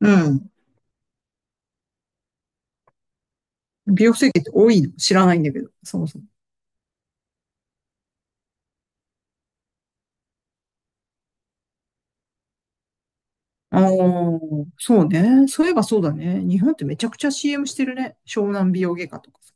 うん。美容整形って多いの知らないんだけど、そもそも。ああ、そうね。そういえばそうだね。日本ってめちゃくちゃ CM してるね。湘南美容外科とかさ。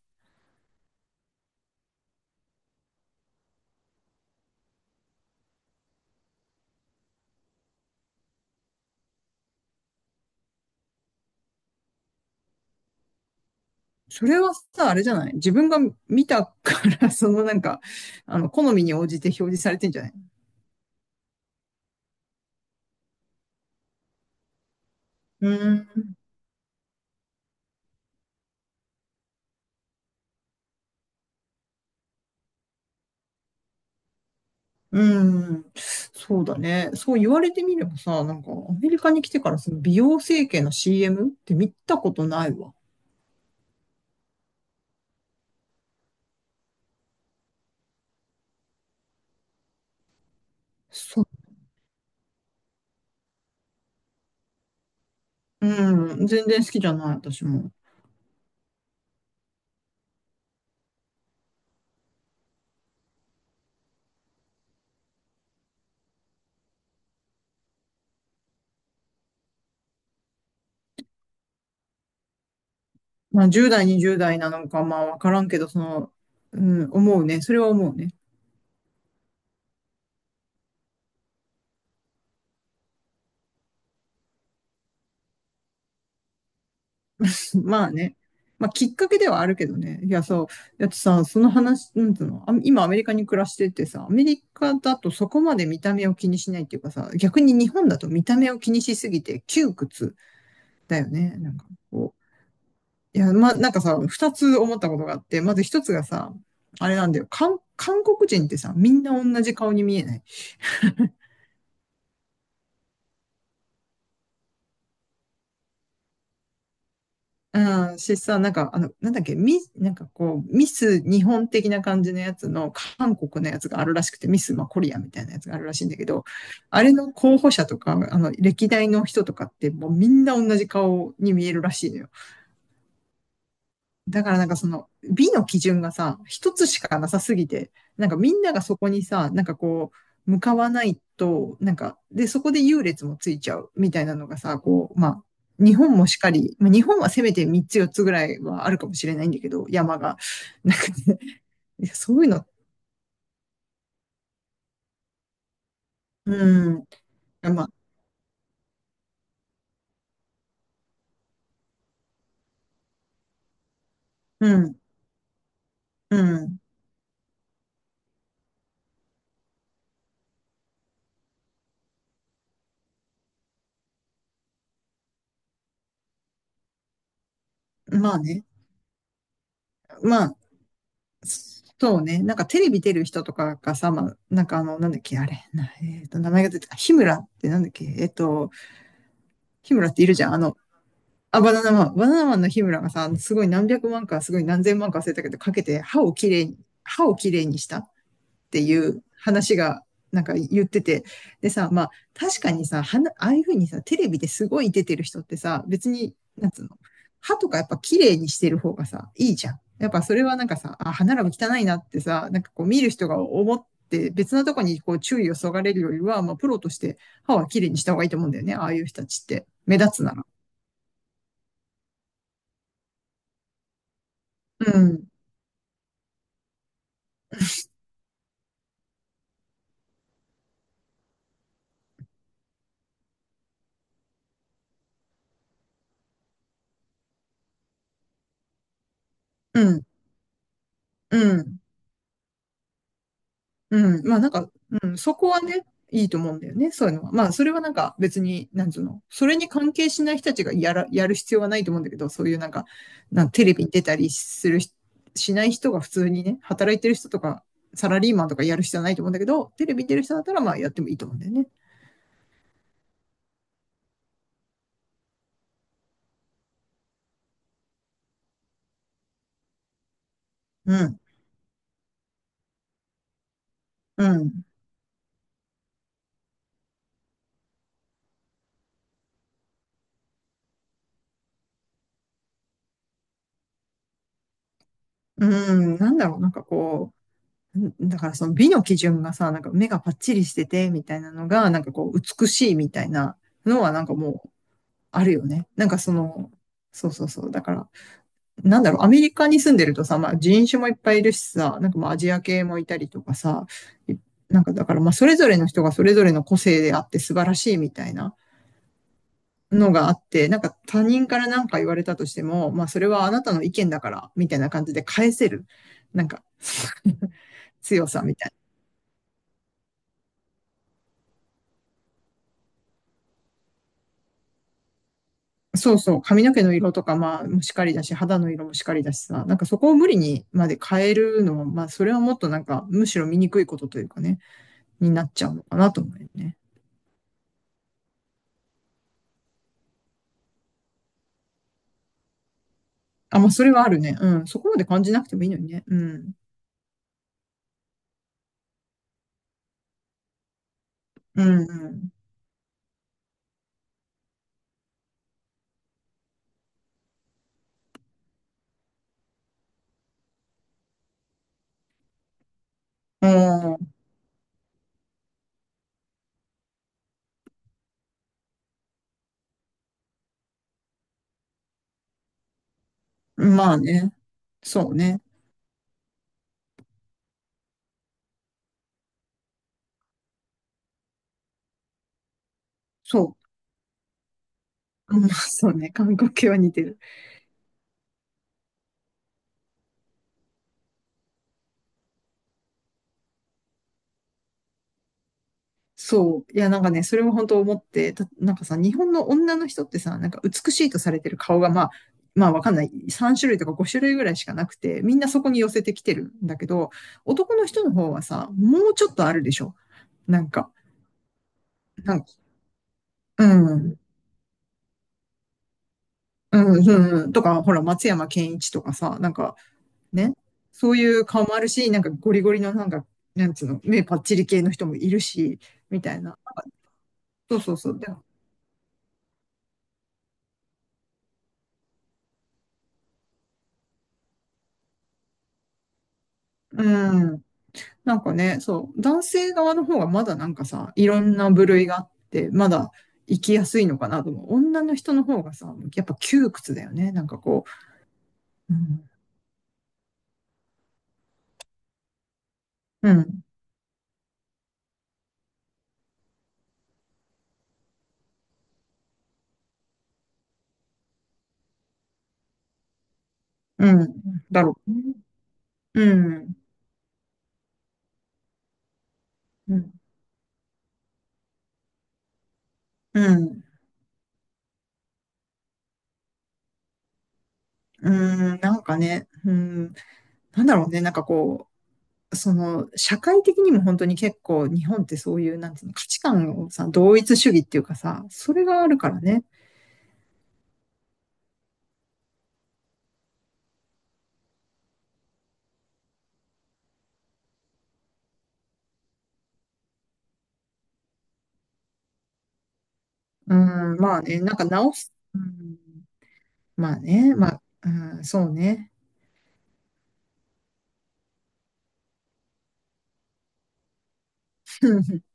それはさ、あれじゃない？自分が見たから、好みに応じて表示されてんじゃない？ううん、そうだね。そう言われてみればさ、なんかアメリカに来てからその美容整形の CM って見たことないわ。そう。うん、全然好きじゃない、私も。まあ10代、20代なのか、まあわからんけど、うん、思うね。それは思うね。まあね。まあきっかけではあるけどね。いや、そう。だってさ、その話、なんつうの、あ、今アメリカに暮らしててさ、アメリカだとそこまで見た目を気にしないっていうかさ、逆に日本だと見た目を気にしすぎて窮屈だよね。なんかこう。いや、ま、なんかさ、二つ思ったことがあって、まず一つがさ、あれなんだよ。韓国人ってさ、みんな同じ顔に見えない？うん、しさ、なんか、なんだっけ、なんかこう、ミス日本的な感じのやつの、韓国のやつがあるらしくて、ミス、まあ、コリアみたいなやつがあるらしいんだけど、あれの候補者とか、歴代の人とかって、もうみんな同じ顔に見えるらしいのよ。だからなんかその美の基準がさ、一つしかなさすぎて、なんかみんながそこにさ、なんかこう、向かわないと、なんか、で、そこで優劣もついちゃうみたいなのがさ、こう、まあ、日本もしっかり、まあ、日本はせめて3つ4つぐらいはあるかもしれないんだけど、山が。なんかね、いやそういうの、うん、まあ、うん、うん、まあね、まあ、そうね。なんかテレビ出る人とかがさ、まあ、なんか、なんだっけ、あれ、なえっと、名前が出て、あ、日村ってなんだっけ、日村っているじゃん。あ、バナナマン。バナナマンの日村がさ、すごい何百万か、すごい何千万か忘れたけど、かけて歯をきれいにしたっていう話が、なんか言ってて。でさ、まあ、確かにさ、ああいうふうにさ、テレビですごい出てる人ってさ、別に、なんつうの、歯とかやっぱきれいにしてる方がさ、いいじゃん。やっぱそれはなんかさ、あ、歯並び汚いなってさ、なんかこう見る人が思って、別なとこにこう注意をそがれるよりは、まあ、プロとして歯はきれいにした方がいいと思うんだよね。ああいう人たちって。目立つなら。うん、うん、うん、うん。まあなんか、うん、そこはね、いいと思うんだよね、そういうのは。まあそれはなんか別に、なんつうの、それに関係しない人たちがやる必要はないと思うんだけど、そういうなんか、なんかテレビに出たりするし、しない人が普通にね、働いてる人とか、サラリーマンとかやる必要はないと思うんだけど、テレビに出る人だったらまあやってもいいと思うんだよね。うん、うん、うん、なんだろう、なんかこう、んだからその美の基準がさ、なんか目がパッチリしてて、みたいなのが、なんかこう、美しいみたいなのはなんかもう、あるよね。なんかその、そうそうそう。だから、なんだろう、アメリカに住んでるとさ、まあ人種もいっぱいいるしさ、なんかまあアジア系もいたりとかさ、なんかだからまあそれぞれの人がそれぞれの個性であって素晴らしいみたいなのがあって、なんか他人からなんか言われたとしても、まあそれはあなたの意見だから、みたいな感じで返せる。なんか 強さみたいな。そうそう、髪の毛の色とか、まあ、もしかりだし、肌の色もしかりだしさ、なんかそこを無理にまで変えるのは、まあ、それはもっとなんか、むしろ見にくいことというかね、になっちゃうのかなと思うよね。あ、まあ、それはあるね。うん。そこまで感じなくてもいいのにね。うん。うん、うん。うん。まあね。そうね。そう。うんまあ、そうね。韓国系は似てる。そう。いや、なんかね、それも本当思って、たなんかさ、日本の女の人ってさ、なんか美しいとされてる顔が、まあ、まあわかんない。3種類とか5種類ぐらいしかなくて、みんなそこに寄せてきてるんだけど、男の人の方はさ、もうちょっとあるでしょ。なんか、なんか、うん、うん、うん、とか、ほら、松山ケンイチとかさ、なんか、ね、そういう顔もあるし、なんかゴリゴリのなんか、なんつうの、目パッチリ系の人もいるし、みたいな。そうそうそう。でうんなんかね、そう、男性側の方がまだなんかさ、いろんな部類があって、まだ生きやすいのかなと思う。女の人の方がさ、やっぱ窮屈だよね。なんかこう、うん、うん、うん、だろうね。うん、うん、うん、うん、なんかね、うん、なんだろうね、なんかこう、その、社会的にも本当に結構日本ってそういう、なんていうの、価値観をさ、同一主義っていうかさ、それがあるからね。うん、まあね、なんか直す。うんまあね、まあ、うん、そうね。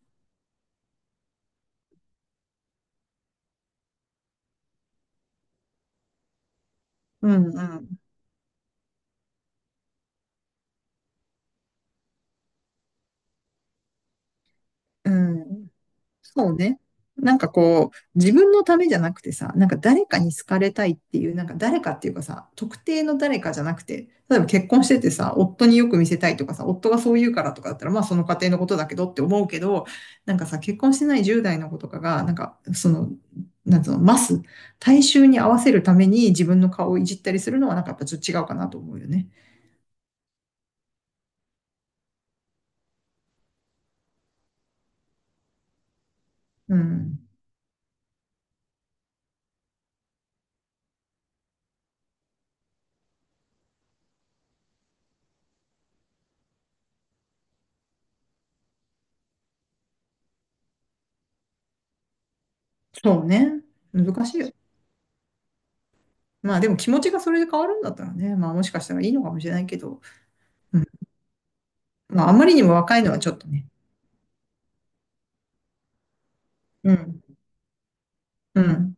うん、うん、うん。そうね。なんかこう、自分のためじゃなくてさ、なんか誰かに好かれたいっていう、なんか誰かっていうかさ、特定の誰かじゃなくて、例えば結婚しててさ、夫によく見せたいとかさ、夫がそう言うからとかだったら、まあその家庭のことだけどって思うけど、なんかさ、結婚してない10代の子とかが、なんかその、なんつうの、大衆に合わせるために自分の顔をいじったりするのは、なんかやっぱちょっと違うかなと思うよね。うん。そうね。難しいよ。まあでも気持ちがそれで変わるんだったらね、まあもしかしたらいいのかもしれないけど、うん。まああまりにも若いのはちょっとね。うん。うん。